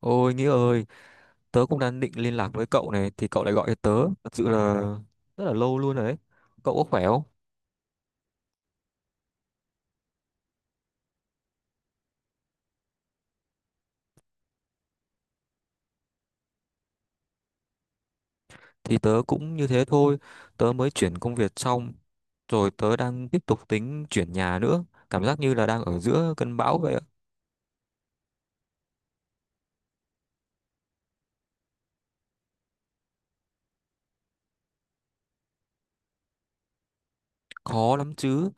Ôi Nghĩa ơi, tớ cũng đang định liên lạc với cậu này thì cậu lại gọi cho tớ, thật sự là rất là lâu luôn rồi đấy. Cậu có khỏe không? Thì tớ cũng như thế thôi, tớ mới chuyển công việc xong, rồi tớ đang tiếp tục tính chuyển nhà nữa, cảm giác như là đang ở giữa cơn bão vậy ạ. Khó lắm chứ.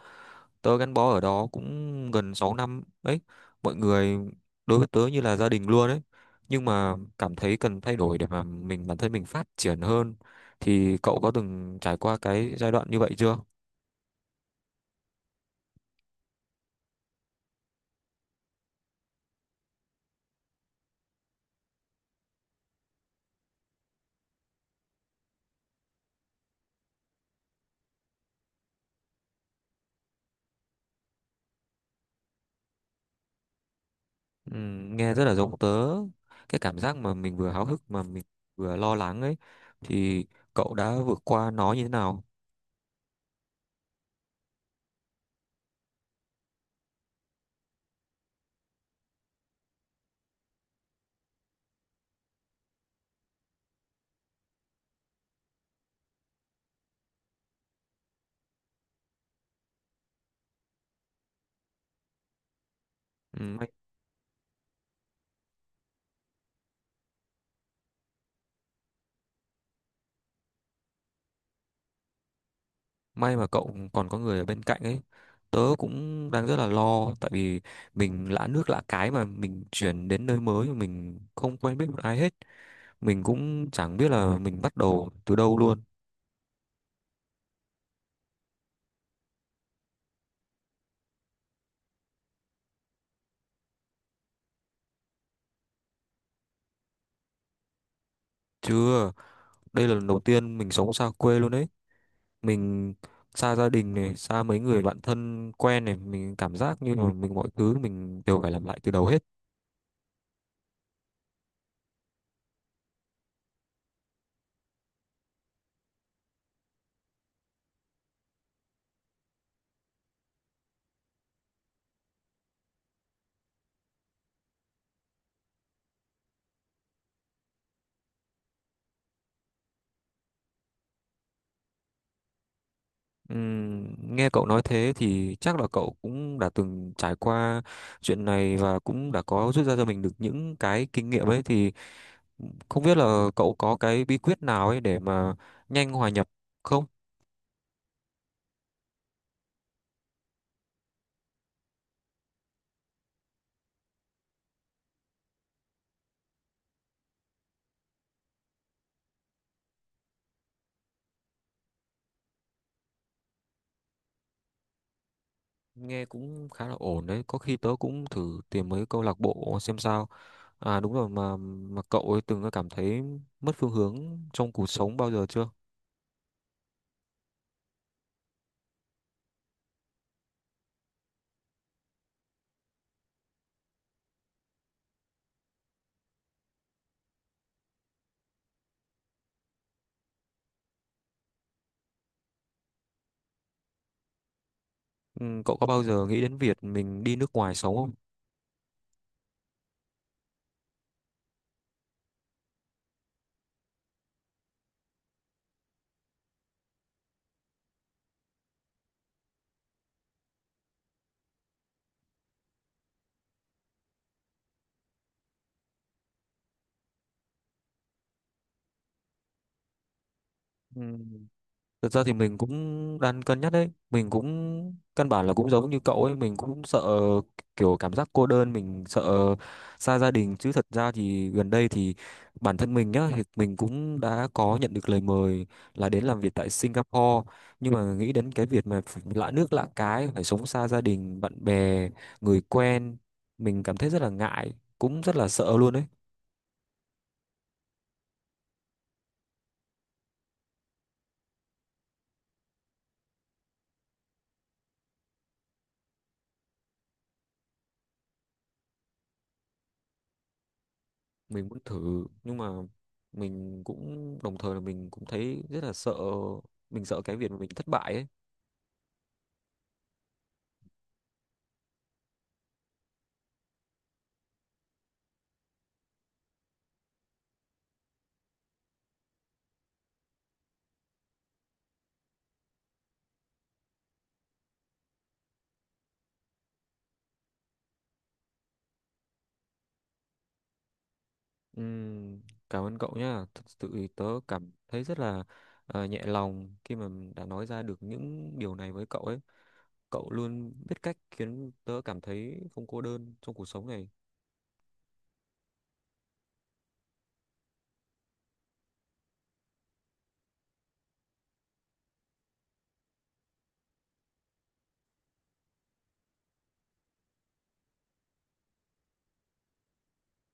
Tớ gắn bó ở đó cũng gần 6 năm đấy, mọi người đối với tớ như là gia đình luôn đấy. Nhưng mà cảm thấy cần thay đổi để mà mình bản thân mình phát triển hơn. Thì cậu có từng trải qua cái giai đoạn như vậy chưa? Ừ, nghe rất là giống tớ, cái cảm giác mà mình vừa háo hức mà mình vừa lo lắng ấy, thì cậu đã vượt qua nó như thế nào? Ừ, may mà cậu còn có người ở bên cạnh ấy. Tớ cũng đang rất là lo, tại vì mình lạ nước lạ cái mà mình chuyển đến nơi mới, mà mình không quen biết một ai hết. Mình cũng chẳng biết là mình bắt đầu từ đâu luôn. Chưa, đây là lần đầu tiên mình sống xa quê luôn đấy. Mình xa gia đình này, xa mấy người bạn thân quen này, mình cảm giác như là mọi thứ mình đều phải làm lại từ đầu hết. Nghe cậu nói thế thì chắc là cậu cũng đã từng trải qua chuyện này, và cũng đã có rút ra cho mình được những cái kinh nghiệm ấy, thì không biết là cậu có cái bí quyết nào ấy để mà nhanh hòa nhập không? Nghe cũng khá là ổn đấy, có khi tớ cũng thử tìm mấy câu lạc bộ xem sao. À đúng rồi, mà cậu ấy từng cảm thấy mất phương hướng trong cuộc sống bao giờ chưa? Ừ, cậu có bao giờ nghĩ đến việc mình đi nước ngoài sống không? Ừ, thực ra thì mình cũng đang cân nhắc đấy. Mình cũng căn bản là cũng giống như cậu ấy. Mình cũng sợ kiểu cảm giác cô đơn. Mình sợ xa gia đình. Chứ thật ra thì gần đây thì bản thân mình nhá, thì mình cũng đã có nhận được lời mời là đến làm việc tại Singapore. Nhưng mà nghĩ đến cái việc mà phải lạ nước lạ cái, phải sống xa gia đình, bạn bè, người quen, mình cảm thấy rất là ngại, cũng rất là sợ luôn đấy. Mình muốn thử, nhưng mà mình cũng đồng thời là mình cũng thấy rất là sợ, mình sợ cái việc mà mình thất bại ấy. Ừm, Cảm ơn cậu nhá, thực sự thì tớ cảm thấy rất là nhẹ lòng khi mà đã nói ra được những điều này với cậu ấy. Cậu luôn biết cách khiến tớ cảm thấy không cô đơn trong cuộc sống này.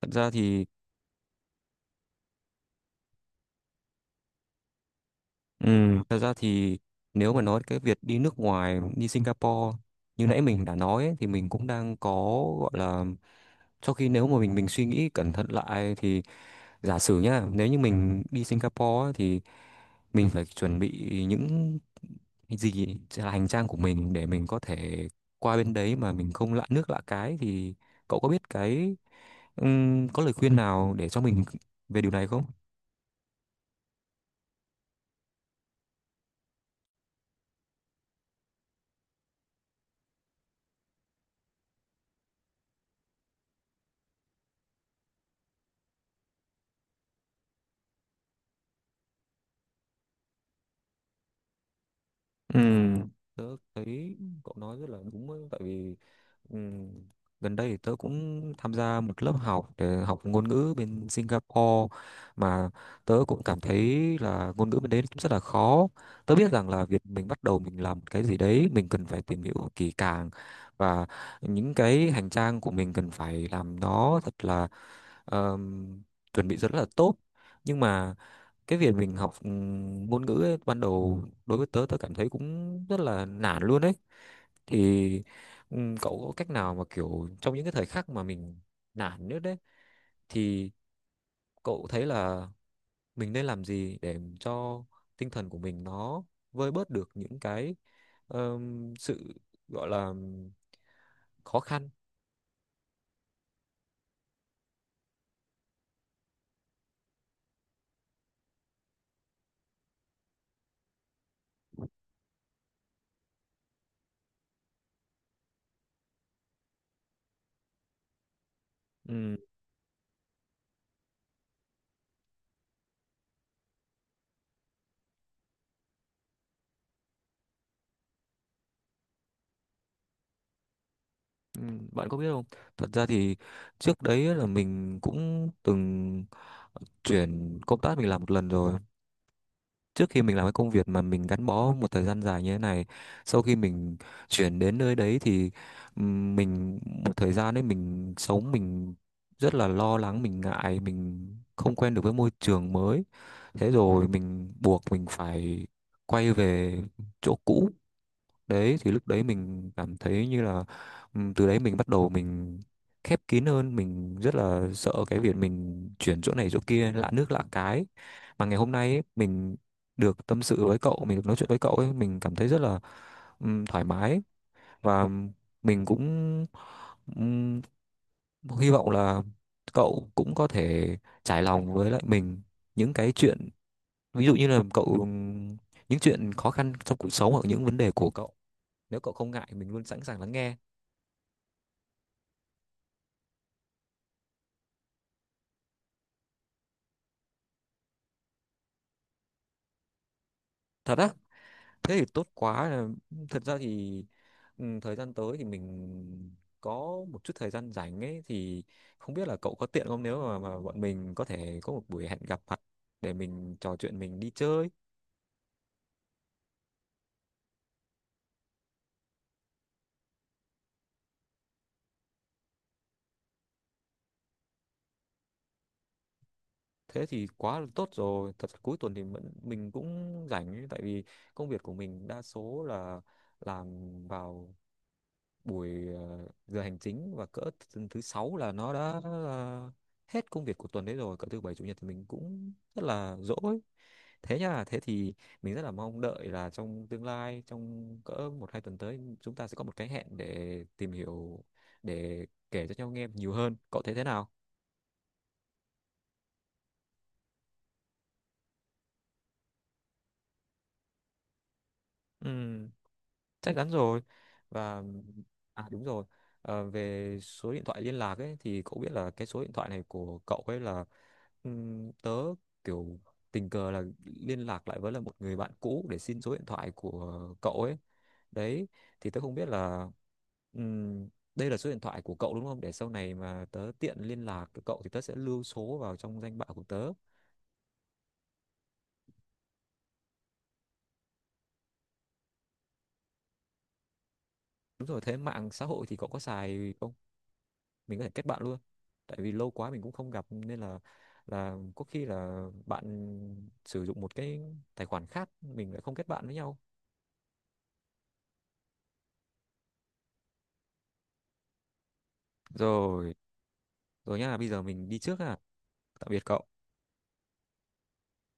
Thật ra thì thật ra thì nếu mà nói cái việc đi nước ngoài, đi Singapore như nãy mình đã nói ấy, thì mình cũng đang có, gọi là, sau khi nếu mà mình suy nghĩ cẩn thận lại thì giả sử nhá, nếu như mình đi Singapore á, thì mình phải chuẩn bị những gì là hành trang của mình để mình có thể qua bên đấy mà mình không lạ nước lạ cái, thì cậu có biết cái, có lời khuyên nào để cho mình về điều này không? Ừm, Tớ thấy cậu nói rất là đúng ấy, tại vì, Ừm, gần đây thì tớ cũng tham gia một lớp học để học ngôn ngữ bên Singapore, mà tớ cũng cảm thấy là ngôn ngữ bên đấy cũng rất là khó. Tớ biết rằng là việc mình bắt đầu mình làm cái gì đấy mình cần phải tìm hiểu kỹ càng, và những cái hành trang của mình cần phải làm nó thật là, ờm, chuẩn bị rất là tốt. Nhưng mà cái việc mình học, ngôn ngữ ấy, ban đầu đối với tớ, tớ cảm thấy cũng rất là nản luôn đấy. Thì cậu có cách nào mà kiểu trong những cái thời khắc mà mình nản nhất đấy thì cậu thấy là mình nên làm gì để cho tinh thần của mình nó vơi bớt được những cái, sự, gọi là, khó khăn? Ừm, Bạn có biết không, thật ra thì trước đấy là mình cũng từng chuyển công tác, mình làm một lần rồi, trước khi mình làm cái công việc mà mình gắn bó một thời gian dài như thế này. Sau khi mình chuyển đến nơi đấy thì mình một thời gian đấy mình sống, mình rất là lo lắng, mình ngại, mình không quen được với môi trường mới. Thế rồi mình buộc mình phải quay về chỗ cũ. Đấy thì lúc đấy mình cảm thấy như là, từ đấy mình bắt đầu mình khép kín hơn, mình rất là sợ cái việc mình chuyển chỗ này chỗ kia lạ nước lạ cái. Mà ngày hôm nay ấy, mình được tâm sự với cậu, mình được nói chuyện với cậu ấy, mình cảm thấy rất là, thoải mái. Và mình cũng, ừm, hy vọng là cậu cũng có thể trải lòng với lại mình những cái chuyện, ví dụ như là cậu, những chuyện khó khăn trong cuộc sống, hoặc những vấn đề của cậu. Nếu cậu không ngại, mình luôn sẵn sàng lắng nghe. Thật á? Thế thì tốt quá. Thật ra thì thời gian tới thì mình có một chút thời gian rảnh ấy, thì không biết là cậu có tiện không, nếu mà, bọn mình có thể có một buổi hẹn gặp mặt để mình trò chuyện, mình đi chơi. Thế thì quá là tốt rồi, thật ra cuối tuần thì mình cũng rảnh ấy, tại vì công việc của mình đa số là làm vào buổi giờ hành chính, và cỡ thứ sáu là nó đã hết công việc của tuần đấy rồi, cỡ thứ bảy chủ nhật thì mình cũng rất là rỗi. Thế nha, thế thì mình rất là mong đợi là trong tương lai, trong cỡ một hai tuần tới chúng ta sẽ có một cái hẹn để tìm hiểu, để kể cho nhau nghe nhiều hơn. Cậu thấy thế nào? Ừ, chắc chắn rồi. Và à đúng rồi, về số điện thoại liên lạc ấy thì cậu biết là cái số điện thoại này của cậu ấy là, tớ kiểu tình cờ là liên lạc lại với là một người bạn cũ để xin số điện thoại của cậu ấy đấy, thì tớ không biết là, ừm, đây là số điện thoại của cậu đúng không, để sau này mà tớ tiện liên lạc với cậu thì tớ sẽ lưu số vào trong danh bạ của tớ. Đúng rồi, thế mạng xã hội thì cậu có xài không? Mình có thể kết bạn luôn, tại vì lâu quá mình cũng không gặp, nên là có khi là bạn sử dụng một cái tài khoản khác, mình lại không kết bạn với nhau. Rồi, rồi nhá, bây giờ mình đi trước. À, tạm biệt cậu.